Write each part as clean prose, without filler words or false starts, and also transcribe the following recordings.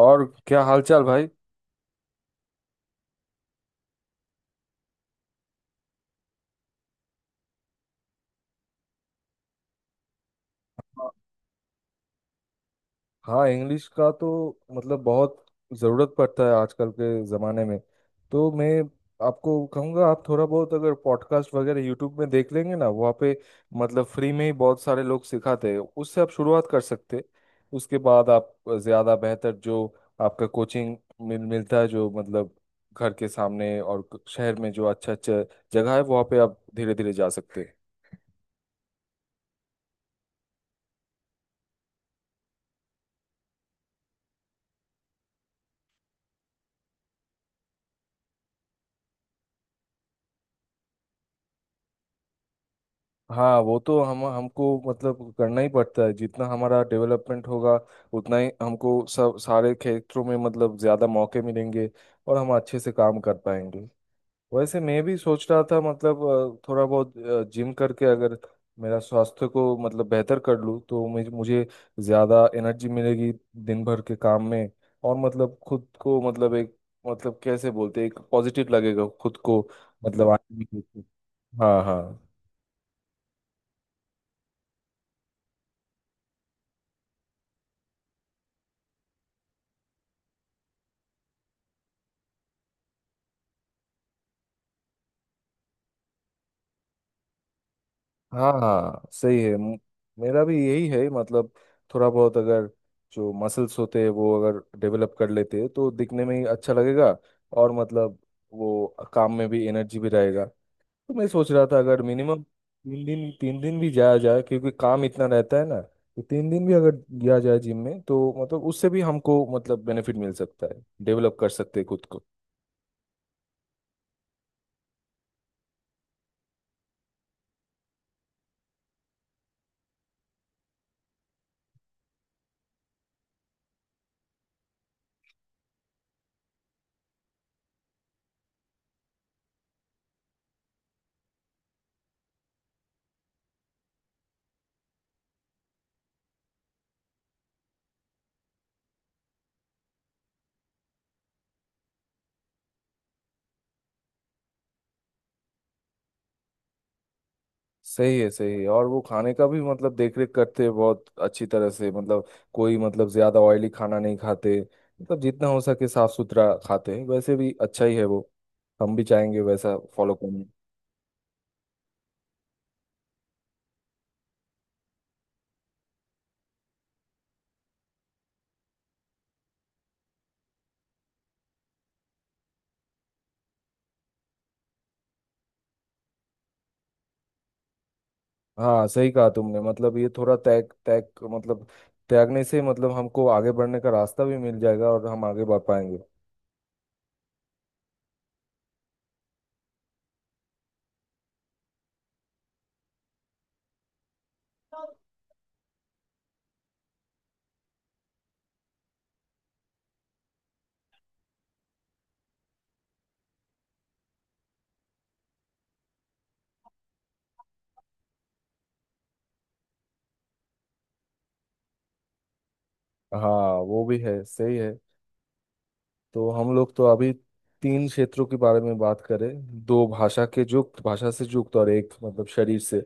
और क्या हालचाल भाई। हाँ। हाँ, इंग्लिश का तो मतलब बहुत ज़रूरत पड़ता है आजकल के ज़माने में। तो मैं आपको कहूँगा आप थोड़ा बहुत अगर पॉडकास्ट वगैरह यूट्यूब में देख लेंगे ना वहाँ पे मतलब फ्री में ही बहुत सारे लोग सिखाते हैं उससे आप शुरुआत कर सकते हैं। उसके बाद आप ज़्यादा बेहतर जो आपका कोचिंग मिलता है जो मतलब घर के सामने और शहर में जो अच्छा अच्छा जगह है वहाँ पे आप धीरे धीरे जा सकते हैं। हाँ, वो तो हम हमको मतलब करना ही पड़ता है, जितना हमारा डेवलपमेंट होगा उतना ही हमको सब सारे क्षेत्रों में मतलब ज़्यादा मौके मिलेंगे और हम अच्छे से काम कर पाएंगे। वैसे मैं भी सोच रहा था मतलब थोड़ा बहुत जिम करके अगर मेरा स्वास्थ्य को मतलब बेहतर कर लूँ तो मुझे मुझे ज़्यादा एनर्जी मिलेगी दिन भर के काम में। और मतलब खुद को मतलब एक मतलब कैसे बोलते हैं, एक पॉजिटिव लगेगा खुद को मतलब आने में खुद को। हाँ हाँ। हाँ सही है। मेरा भी यही है मतलब थोड़ा बहुत अगर जो मसल्स होते हैं वो अगर डेवलप कर लेते हैं तो दिखने में ही अच्छा लगेगा। और मतलब वो काम में भी एनर्जी भी रहेगा। तो मैं सोच रहा था अगर मिनिमम तीन दिन भी जाया जाए, क्योंकि काम इतना रहता है ना, तो तीन दिन भी अगर गया जाए जिम में तो मतलब उससे भी हमको मतलब बेनिफिट मिल सकता है, डेवलप कर सकते हैं खुद को। सही है सही है। और वो खाने का भी मतलब देख रेख करते हैं बहुत अच्छी तरह से, मतलब कोई मतलब ज्यादा ऑयली खाना नहीं खाते, मतलब जितना हो सके साफ सुथरा खाते हैं, वैसे भी अच्छा ही है वो। हम भी चाहेंगे वैसा फॉलो करना। हाँ सही कहा तुमने, मतलब ये थोड़ा त्याग त्याग मतलब त्यागने से मतलब हमको आगे बढ़ने का रास्ता भी मिल जाएगा और हम आगे बढ़ पाएंगे। हाँ वो भी है, सही है। तो हम लोग तो अभी तीन क्षेत्रों के बारे में बात करें, दो भाषा के युक्त भाषा से युक्त और एक मतलब शरीर से।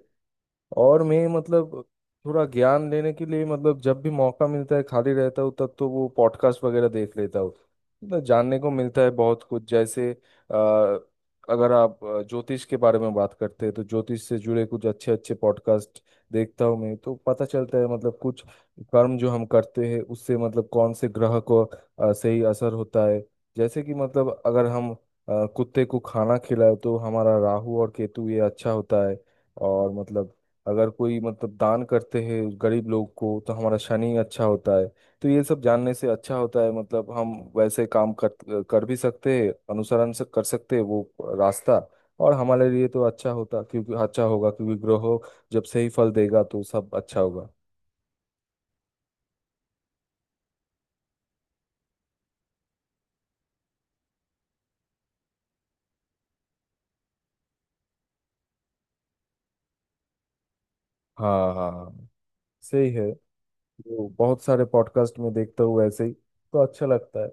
और मैं मतलब थोड़ा ज्ञान लेने के लिए मतलब जब भी मौका मिलता है खाली रहता हूँ तब तो वो पॉडकास्ट वगैरह देख लेता हूँ। मतलब जानने को मिलता है बहुत कुछ, जैसे अगर आप ज्योतिष के बारे में बात करते हैं तो ज्योतिष से जुड़े कुछ अच्छे अच्छे पॉडकास्ट देखता हूँ मैं, तो पता चलता है मतलब कुछ कर्म जो हम करते हैं उससे मतलब कौन से ग्रह को सही असर होता है। जैसे कि मतलब अगर हम कुत्ते को खाना खिलाए तो हमारा राहु और केतु ये अच्छा होता है। और मतलब अगर कोई मतलब दान करते हैं गरीब लोग को तो हमारा शनि अच्छा होता है। तो ये सब जानने से अच्छा होता है, मतलब हम वैसे काम कर कर भी सकते हैं, अनुसरण से कर सकते हैं वो रास्ता और हमारे लिए तो अच्छा होता क्योंकि अच्छा होगा क्योंकि ग्रह जब सही फल देगा तो सब अच्छा होगा। हाँ हाँ हाँ, सही है। वो बहुत सारे पॉडकास्ट में देखता हूँ ऐसे ही, तो अच्छा लगता है।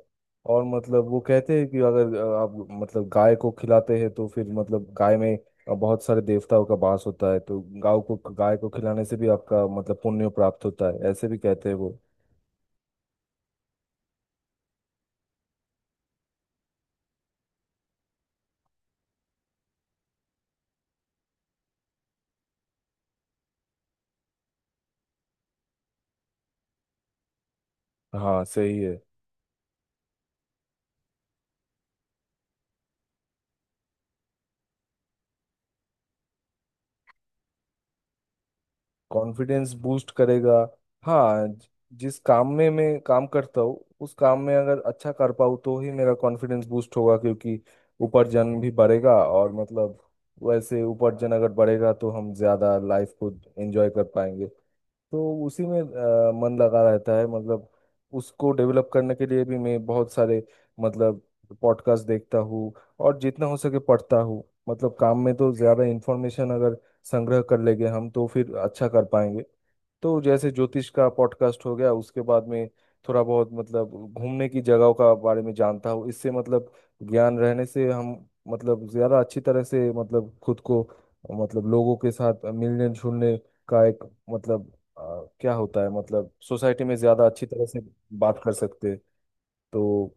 और मतलब वो कहते हैं कि अगर आप मतलब गाय को खिलाते हैं तो फिर मतलब गाय में बहुत सारे देवताओं का वास होता है, तो गाय को खिलाने से भी आपका मतलब पुण्य प्राप्त होता है, ऐसे भी कहते हैं वो। हाँ सही है। कॉन्फिडेंस बूस्ट करेगा। हाँ, जिस काम में मैं काम करता हूँ उस काम में अगर अच्छा कर पाऊँ तो ही मेरा कॉन्फिडेंस बूस्ट होगा, क्योंकि उपार्जन भी बढ़ेगा और मतलब वैसे उपार्जन अगर बढ़ेगा तो हम ज़्यादा लाइफ को एंजॉय कर पाएंगे। तो उसी में मन लगा रहता है, मतलब उसको डेवलप करने के लिए भी मैं बहुत सारे मतलब पॉडकास्ट देखता हूँ और जितना हो सके पढ़ता हूँ। मतलब काम में तो ज़्यादा इन्फॉर्मेशन अगर संग्रह कर लेंगे हम तो फिर अच्छा कर पाएंगे। तो जैसे ज्योतिष का पॉडकास्ट हो गया, उसके बाद में थोड़ा बहुत मतलब घूमने की जगहों का बारे में जानता हूँ, इससे मतलब ज्ञान रहने से हम मतलब ज्यादा अच्छी तरह से मतलब खुद को मतलब लोगों के साथ मिलने जुलने का एक मतलब क्या होता है मतलब सोसाइटी में ज्यादा अच्छी तरह से बात कर सकते हैं। तो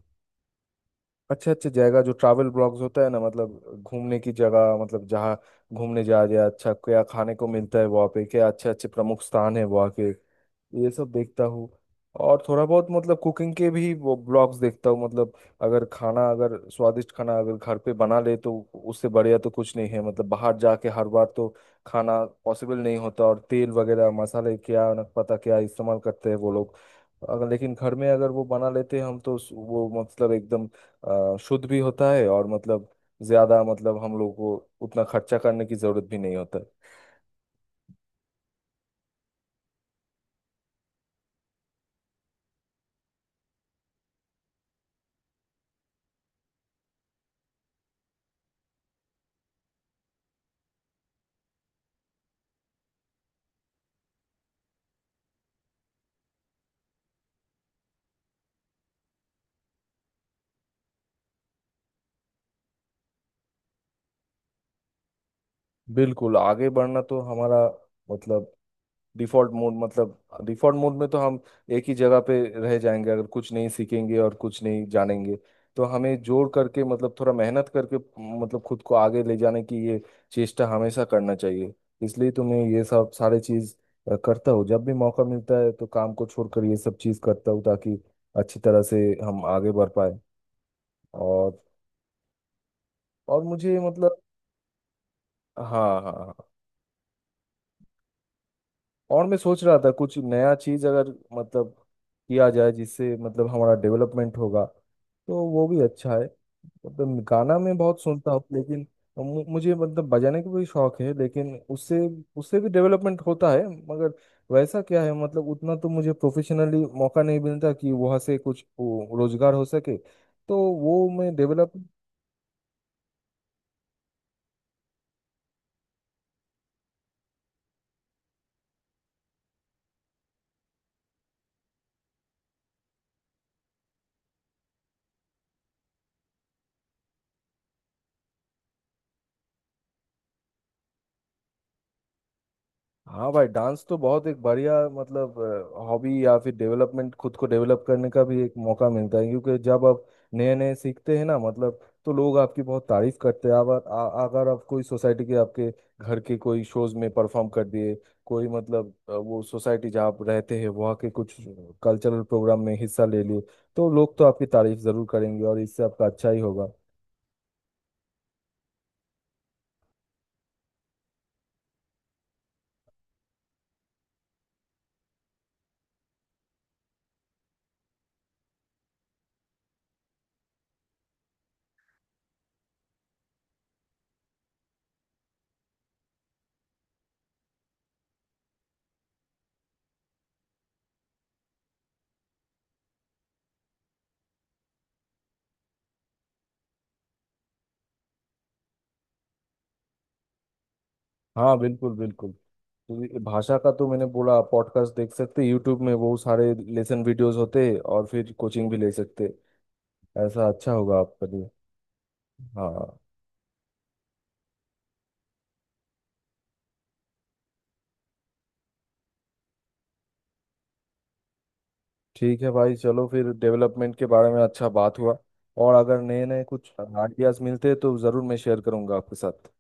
अच्छे अच्छे जगह जो ट्रैवल ब्लॉग्स होता है ना, मतलब घूमने की जगह मतलब जहाँ घूमने जा रहे हैं, अच्छा क्या खाने को मिलता है वहाँ पे, क्या अच्छे अच्छे प्रमुख स्थान है वहाँ के, ये सब देखता हूँ। और थोड़ा बहुत मतलब कुकिंग के भी वो ब्लॉग्स देखता हूँ। मतलब अगर खाना अगर स्वादिष्ट खाना अगर घर पे बना ले तो उससे बढ़िया तो कुछ नहीं है, मतलब बाहर जाके हर बार तो खाना पॉसिबल नहीं होता, और तेल वगैरह मसाले क्या न पता क्या इस्तेमाल करते हैं वो लोग, अगर लेकिन घर में अगर वो बना लेते हैं हम तो वो मतलब एकदम शुद्ध भी होता है और मतलब ज्यादा मतलब हम लोग को उतना खर्चा करने की जरूरत भी नहीं होता है। बिल्कुल, आगे बढ़ना तो हमारा मतलब डिफॉल्ट मोड, मतलब डिफॉल्ट मोड में तो हम एक ही जगह पे रह जाएंगे अगर कुछ नहीं सीखेंगे और कुछ नहीं जानेंगे। तो हमें जोड़ करके मतलब थोड़ा मेहनत करके मतलब खुद को आगे ले जाने की ये चेष्टा हमेशा करना चाहिए। इसलिए तो मैं ये सब सारे चीज करता हूँ, जब भी मौका मिलता है तो काम को छोड़कर ये सब चीज करता हूँ ताकि अच्छी तरह से हम आगे बढ़ पाए। और और मुझे मतलब हाँ हाँ हाँ। और मैं सोच रहा था कुछ नया चीज़ अगर मतलब किया जाए जिससे मतलब हमारा डेवलपमेंट होगा तो वो भी अच्छा है। मतलब गाना मैं बहुत सुनता हूँ लेकिन मुझे मतलब बजाने का भी शौक है, लेकिन उससे उससे भी डेवलपमेंट होता है, मगर वैसा क्या है मतलब उतना तो मुझे प्रोफेशनली मौका नहीं मिलता कि वहाँ से कुछ वो रोजगार हो सके, तो वो मैं डेवलप। हाँ भाई, डांस तो बहुत एक बढ़िया मतलब हॉबी, या फिर डेवलपमेंट खुद को डेवलप करने का भी एक मौका मिलता है, क्योंकि जब आप नए नए सीखते हैं ना मतलब तो लोग आपकी बहुत तारीफ करते हैं। अगर अगर आप कोई सोसाइटी के आपके घर के कोई शोज में परफॉर्म कर दिए, कोई मतलब वो सोसाइटी जहाँ आप रहते हैं वहाँ के कुछ कल्चरल प्रोग्राम में हिस्सा ले लिए, तो लोग तो आपकी तारीफ जरूर करेंगे और इससे आपका अच्छा ही होगा। हाँ बिल्कुल बिल्कुल। तो ये भाषा का तो मैंने बोला पॉडकास्ट देख सकते, यूट्यूब में बहुत सारे लेसन वीडियोस होते, और फिर कोचिंग भी ले सकते, ऐसा अच्छा होगा आपके लिए। हाँ। ठीक है भाई, चलो फिर डेवलपमेंट के बारे में अच्छा बात हुआ, और अगर नए नए कुछ आइडियाज मिलते हैं तो ज़रूर मैं शेयर करूंगा आपके साथ।